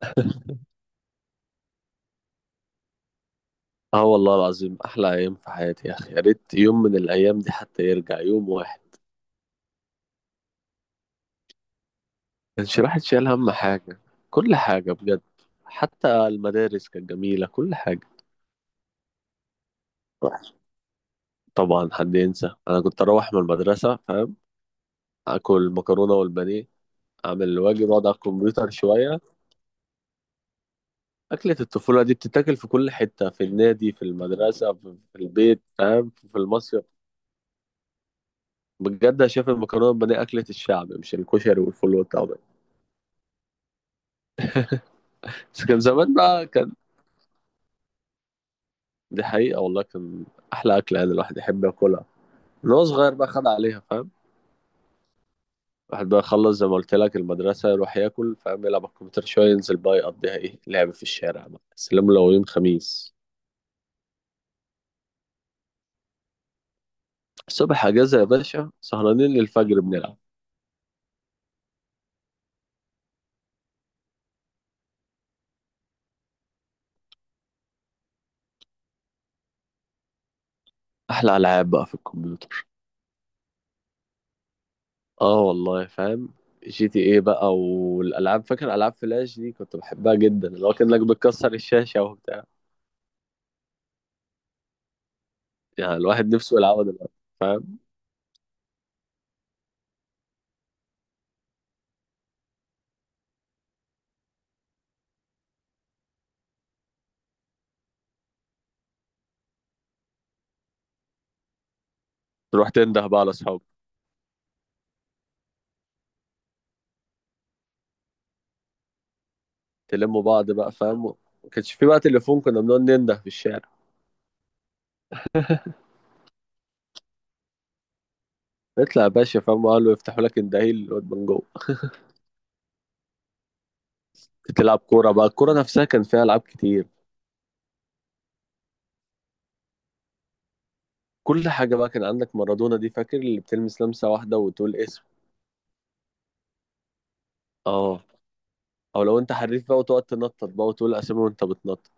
اه والله العظيم، احلى ايام في حياتي يا اخي. يا ريت يوم من الايام دي حتى يرجع يوم واحد. كانش الواحد شايل هم حاجه، كل حاجه بجد. حتى المدارس كانت جميله، كل حاجه. طبعا حد ينسى، انا كنت اروح من المدرسه فاهم، اكل مكرونه والبانيه، اعمل الواجب، اقعد على الكمبيوتر شويه. اكله الطفوله دي بتتاكل في كل حته، في النادي، في المدرسه، في البيت فاهم، في المصيف. بجد انا شايف المكرونه والبانيه اكله الشعب، مش الكشري والفول والطعميه. بس كان زمان بقى، دي حقيقة والله. كان أحلى أكلة يعني الواحد يحب ياكلها من هو صغير بقى، خد عليها فاهم. الواحد بقى يخلص زي ما قلت لك المدرسة، يروح ياكل فاهم، يلعب على الكمبيوتر شوية، ينزل بقى يقضيها إيه لعب في الشارع بقى. سلام لو يوم خميس، الصبح أجازة يا باشا، سهرانين للفجر بنلعب. أحلى ألعاب بقى في الكمبيوتر. آه والله فاهم. جي تي إيه بقى والألعاب، فاكر ألعاب فلاش دي؟ كنت بحبها جدا، اللي هو كأنك بتكسر الشاشة وبتاع. يعني الواحد نفسه يلعبها دلوقتي فاهم. تروح تنده بقى على أصحابك، تلموا بعض بقى فاهم. ما كانش في بقى تليفون، كنا بنقعد ننده في الشارع. نطلع يا باشا فاهم، قالوا يفتحوا لك الدهيل الواد من جوه. تلعب كوره بقى، الكوره نفسها كان فيها العاب كتير. كل حاجه بقى. كان عندك مارادونا دي، فاكر اللي بتلمس لمسه واحده وتقول اسم؟ اه. او لو انت حريف بقى، وتقعد تنطط بقى وتقول اسامي وانت بتنطط.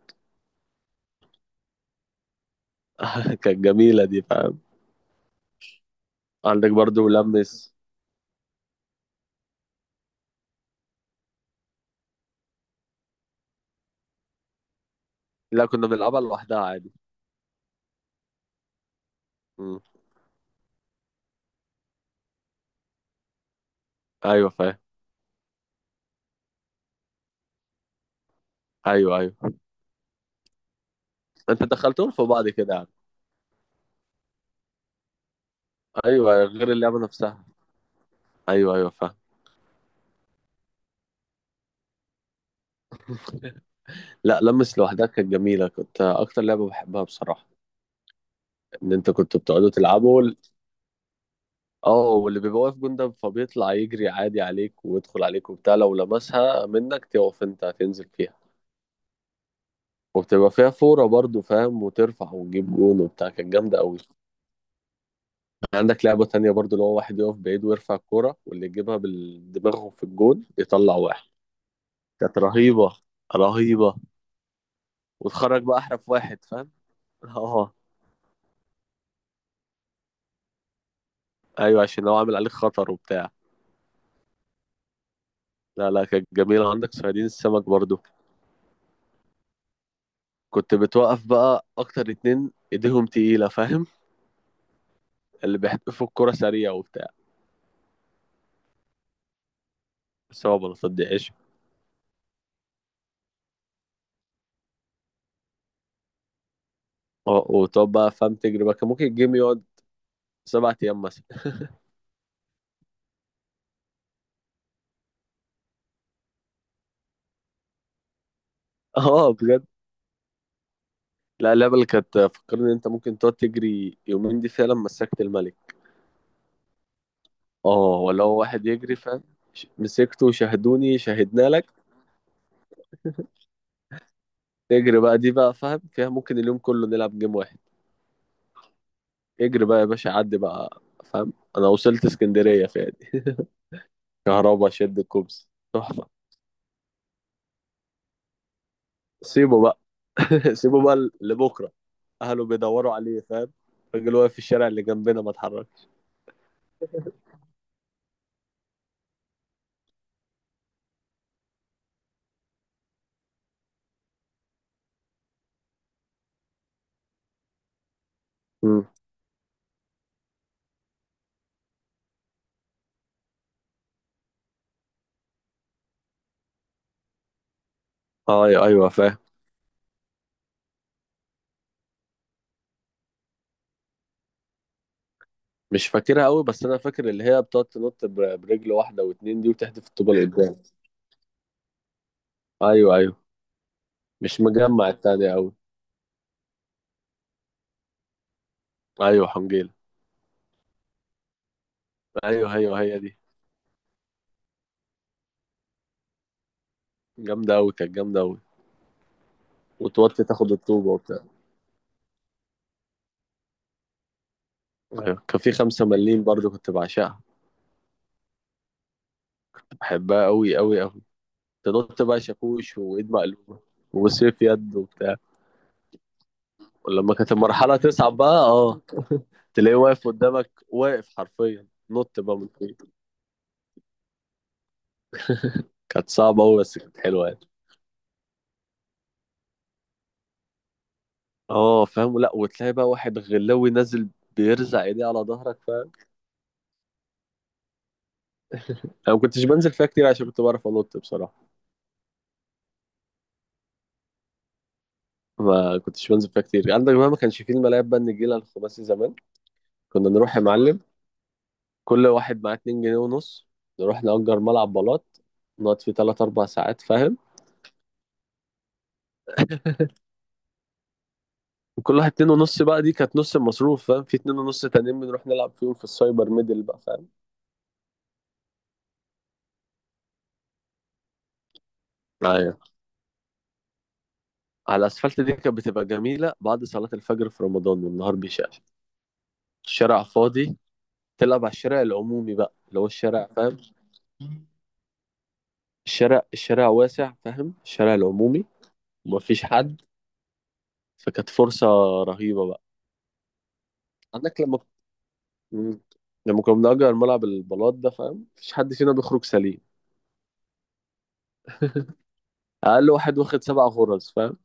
كانت جميله دي فاهم. عندك برضو لمس. لا كنا بنلعبها لوحدها عادي. مم. ايوه فاهم. ايوه ايوه. انت دخلتهم في بعض كده يعني؟ ايوه غير اللعبه نفسها. ايوه ايوه فاهم. لا، لمس لوحدها كانت جميلة، كنت أكتر لعبة بحبها بصراحة. إن أنت كنت بتقعدوا تلعبوا اه، واللي بيبقى واقف جندب فبيطلع يجري عادي عليك ويدخل عليك وبتاع، لو لمسها منك تقف أنت هتنزل فيها. وبتبقى فيها فورة برضو فاهم، وترفع وتجيب جون وبتاع. كانت جامدة أوي. عندك لعبة تانية برضو، اللي هو واحد يقف بعيد ويرفع الكورة، واللي يجيبها بالدماغ في الجون يطلع واحد. كانت رهيبة، رهيبة. وتخرج بقى أحرف واحد فاهم. اه. أيوة عشان لو عامل عليك خطر وبتاع. لا لا، كانت جميلة. عندك صيادين السمك برضو، كنت بتوقف بقى أكتر اتنين إيديهم تقيلة فاهم، اللي بيحدفوا الكرة سريع وبتاع. بس هو ما بصدقش. وتقعد بقى فاهم تجري بقى، كان ممكن الجيم يقعد 7 أيام مثلا. اه بجد. لا، اللعبة اللي كانت فكرني إن أنت ممكن تقعد تجري يومين دي فعلا مسكت الملك. اه، ولا هو واحد يجري فاهم. مسكته، شاهدوني، شاهدنا لك. تجري بقى دي بقى فاهم، فيها ممكن اليوم كله نلعب جيم واحد. اجري بقى يا باشا، عدي بقى فاهم. أنا وصلت اسكندرية فيها دي. كهربا شد الكوبس. تحفة. سيبه بقى. سيبه بقى لبكرة، أهله بيدوروا عليه فاهم. الراجل واقف في الشارع اللي جنبنا، ما اتحركش. امم أيوة. أيوه فاهم. مش فاكرها قوي، بس أنا فاكر اللي هي بتقعد تنط برجل واحدة واتنين دي، وتحدف الطوبة لقدام. أيوه أيوه. مش مجمع التانية أوي. أيوه حنجيلة. أيوه أيوه هي دي، جامدة أوي، كانت جامدة أوي. وتوطي تاخد الطوبة وبتاع. أيوه كان في 5 مليم برضو، كنت بعشقها. بحبها أوي أوي أوي. تنط بقى شاكوش وايد مقلوبه وسيف يد وبتاع. ولما كانت المرحله تصعب بقى، اه، تلاقيه واقف قدامك واقف حرفيا، نط بقى من فوق. كانت صعبه قوي بس كانت حلوه يعني. اه فاهم. لا، وتلاقي بقى واحد غلاوي نازل بيرزع ايديه على ظهرك فاهم. انا ما كنتش بنزل فيها كتير عشان كنت بعرف انط بصراحه. ما كنتش بنزل فيها كتير. عندك بقى ما كانش فيه الملاعب بقى، النجيله الخماسي زمان. كنا نروح يا معلم، كل واحد معاه 2 جنيه ونص، نروح نأجر ملعب بلاط، نقعد فيه 3 4 ساعات فاهم. وكل واحد اتنين ونص بقى دي كانت نص المصروف فاهم، في اتنين ونص تانيين بنروح نلعب فيهم في السايبر ميدل بقى فاهم. ايوه. على الاسفلت دي كانت بتبقى جميله بعد صلاه الفجر في رمضان والنهار بيشقشق، الشارع فاضي، تلعب على الشارع العمومي بقى، اللي هو الشارع فاهم، الشارع، الشارع واسع فاهم، الشارع العمومي، ومفيش حد، فكانت فرصة رهيبة بقى. عندك لما مم. لما كنا بنأجر ملعب البلاط ده فاهم، مفيش حد فينا بيخرج سليم. أقل واحد واخد 7 غرز فاهم.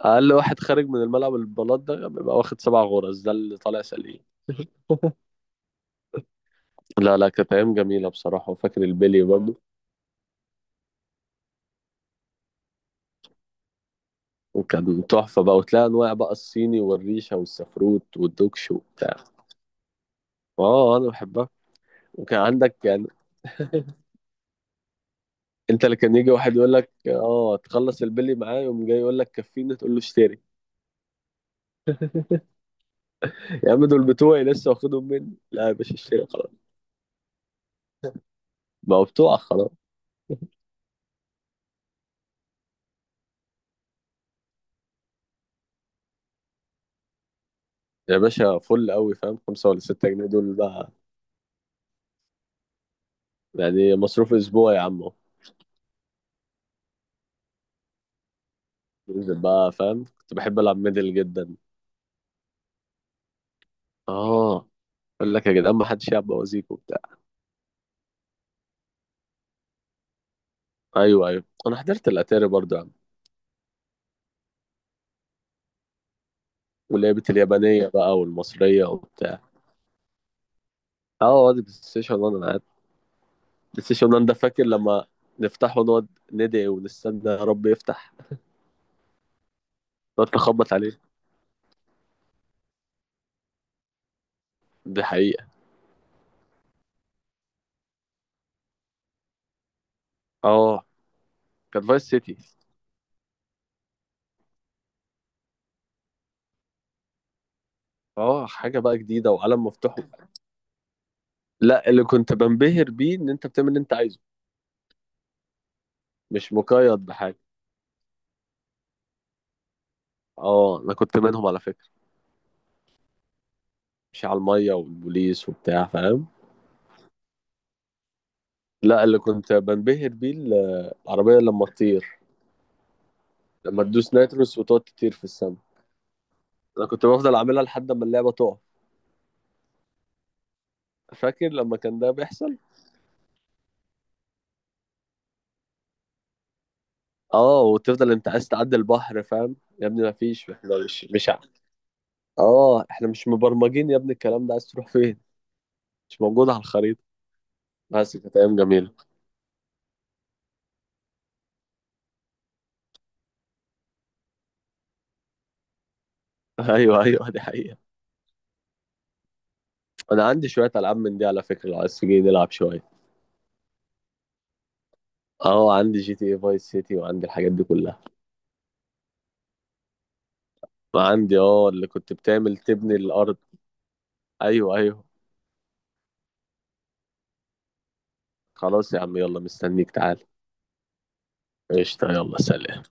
اقل واحد خارج من الملعب البلاط ده بيبقى واخد 7 غرز، ده اللي طالع سليم. لا لا، كانت ايام جميله بصراحه. وفاكر البلي برضه؟ وكان تحفه بقى، وتلاقي انواع بقى، الصيني والريشه والسفروت والدوكش وبتاع. اه انا بحبها. وكان عندك يعني. انت اللي كان يجي واحد يقول لك اه تخلص البلي معاه، يقوم جاي يقول لك كفيني، تقول له اشتري. يا عم دول بتوعي، لسه واخدهم مني، لا يا باشا اشتري خلاص، بقوا بتوعك خلاص. يا باشا، فل قوي فاهم، 5 ولا 6 جنيه دول بقى، يعني مصروف اسبوع يا عم. ننزل بقى فاهم، كنت بحب العب ميدل جدا. اه. اقول لك يا جدعان ما حدش يلعب بوازيك وبتاع. ايوه ايوه. انا حضرت الاتاري برضه يا عم. ولعبة اليابانيه بقى والمصريه وبتاع. اه، واد بلاي ستيشن 1 انا قاعد. بلاي ستيشن 1 ده فاكر لما نفتحه ونقعد ندعي ونستنى يا رب يفتح، نقعد نخبط عليه. دي حقيقه. اه، كانت فايس سيتي. اه، حاجه بقى جديده وعالم مفتوح. لا، اللي كنت بنبهر بيه ان انت بتعمل اللي انت عايزه، مش مقيد بحاجه. اه انا كنت منهم على فكره، مش على المية والبوليس وبتاع فاهم. لا، اللي كنت بنبهر بيه العربية لما تطير، لما تدوس نيتروس وتقعد تطير في السماء. انا كنت بفضل اعملها لحد ما اللعبة تقع. فاكر لما كان ده بيحصل؟ اه، وتفضل انت عايز تعدي البحر فاهم، يا ابني ما فيش، احنا مش مش ع- اه احنا مش مبرمجين يا ابني الكلام ده، عايز تروح فين؟ مش موجود على الخريطة. بس كانت ايام جميلة. ايوه ايوه، دي حقيقة. انا عندي شوية العاب من دي على فكرة، لو عايز تيجي نلعب شوية. اه عندي جي تي اي فايس سيتي، وعندي الحاجات دي كلها. عندي اه، اللي كنت بتعمل تبني الارض. ايوه ايوه. خلاص يا عم، يلا مستنيك، تعال. قشطة، يلا سلام.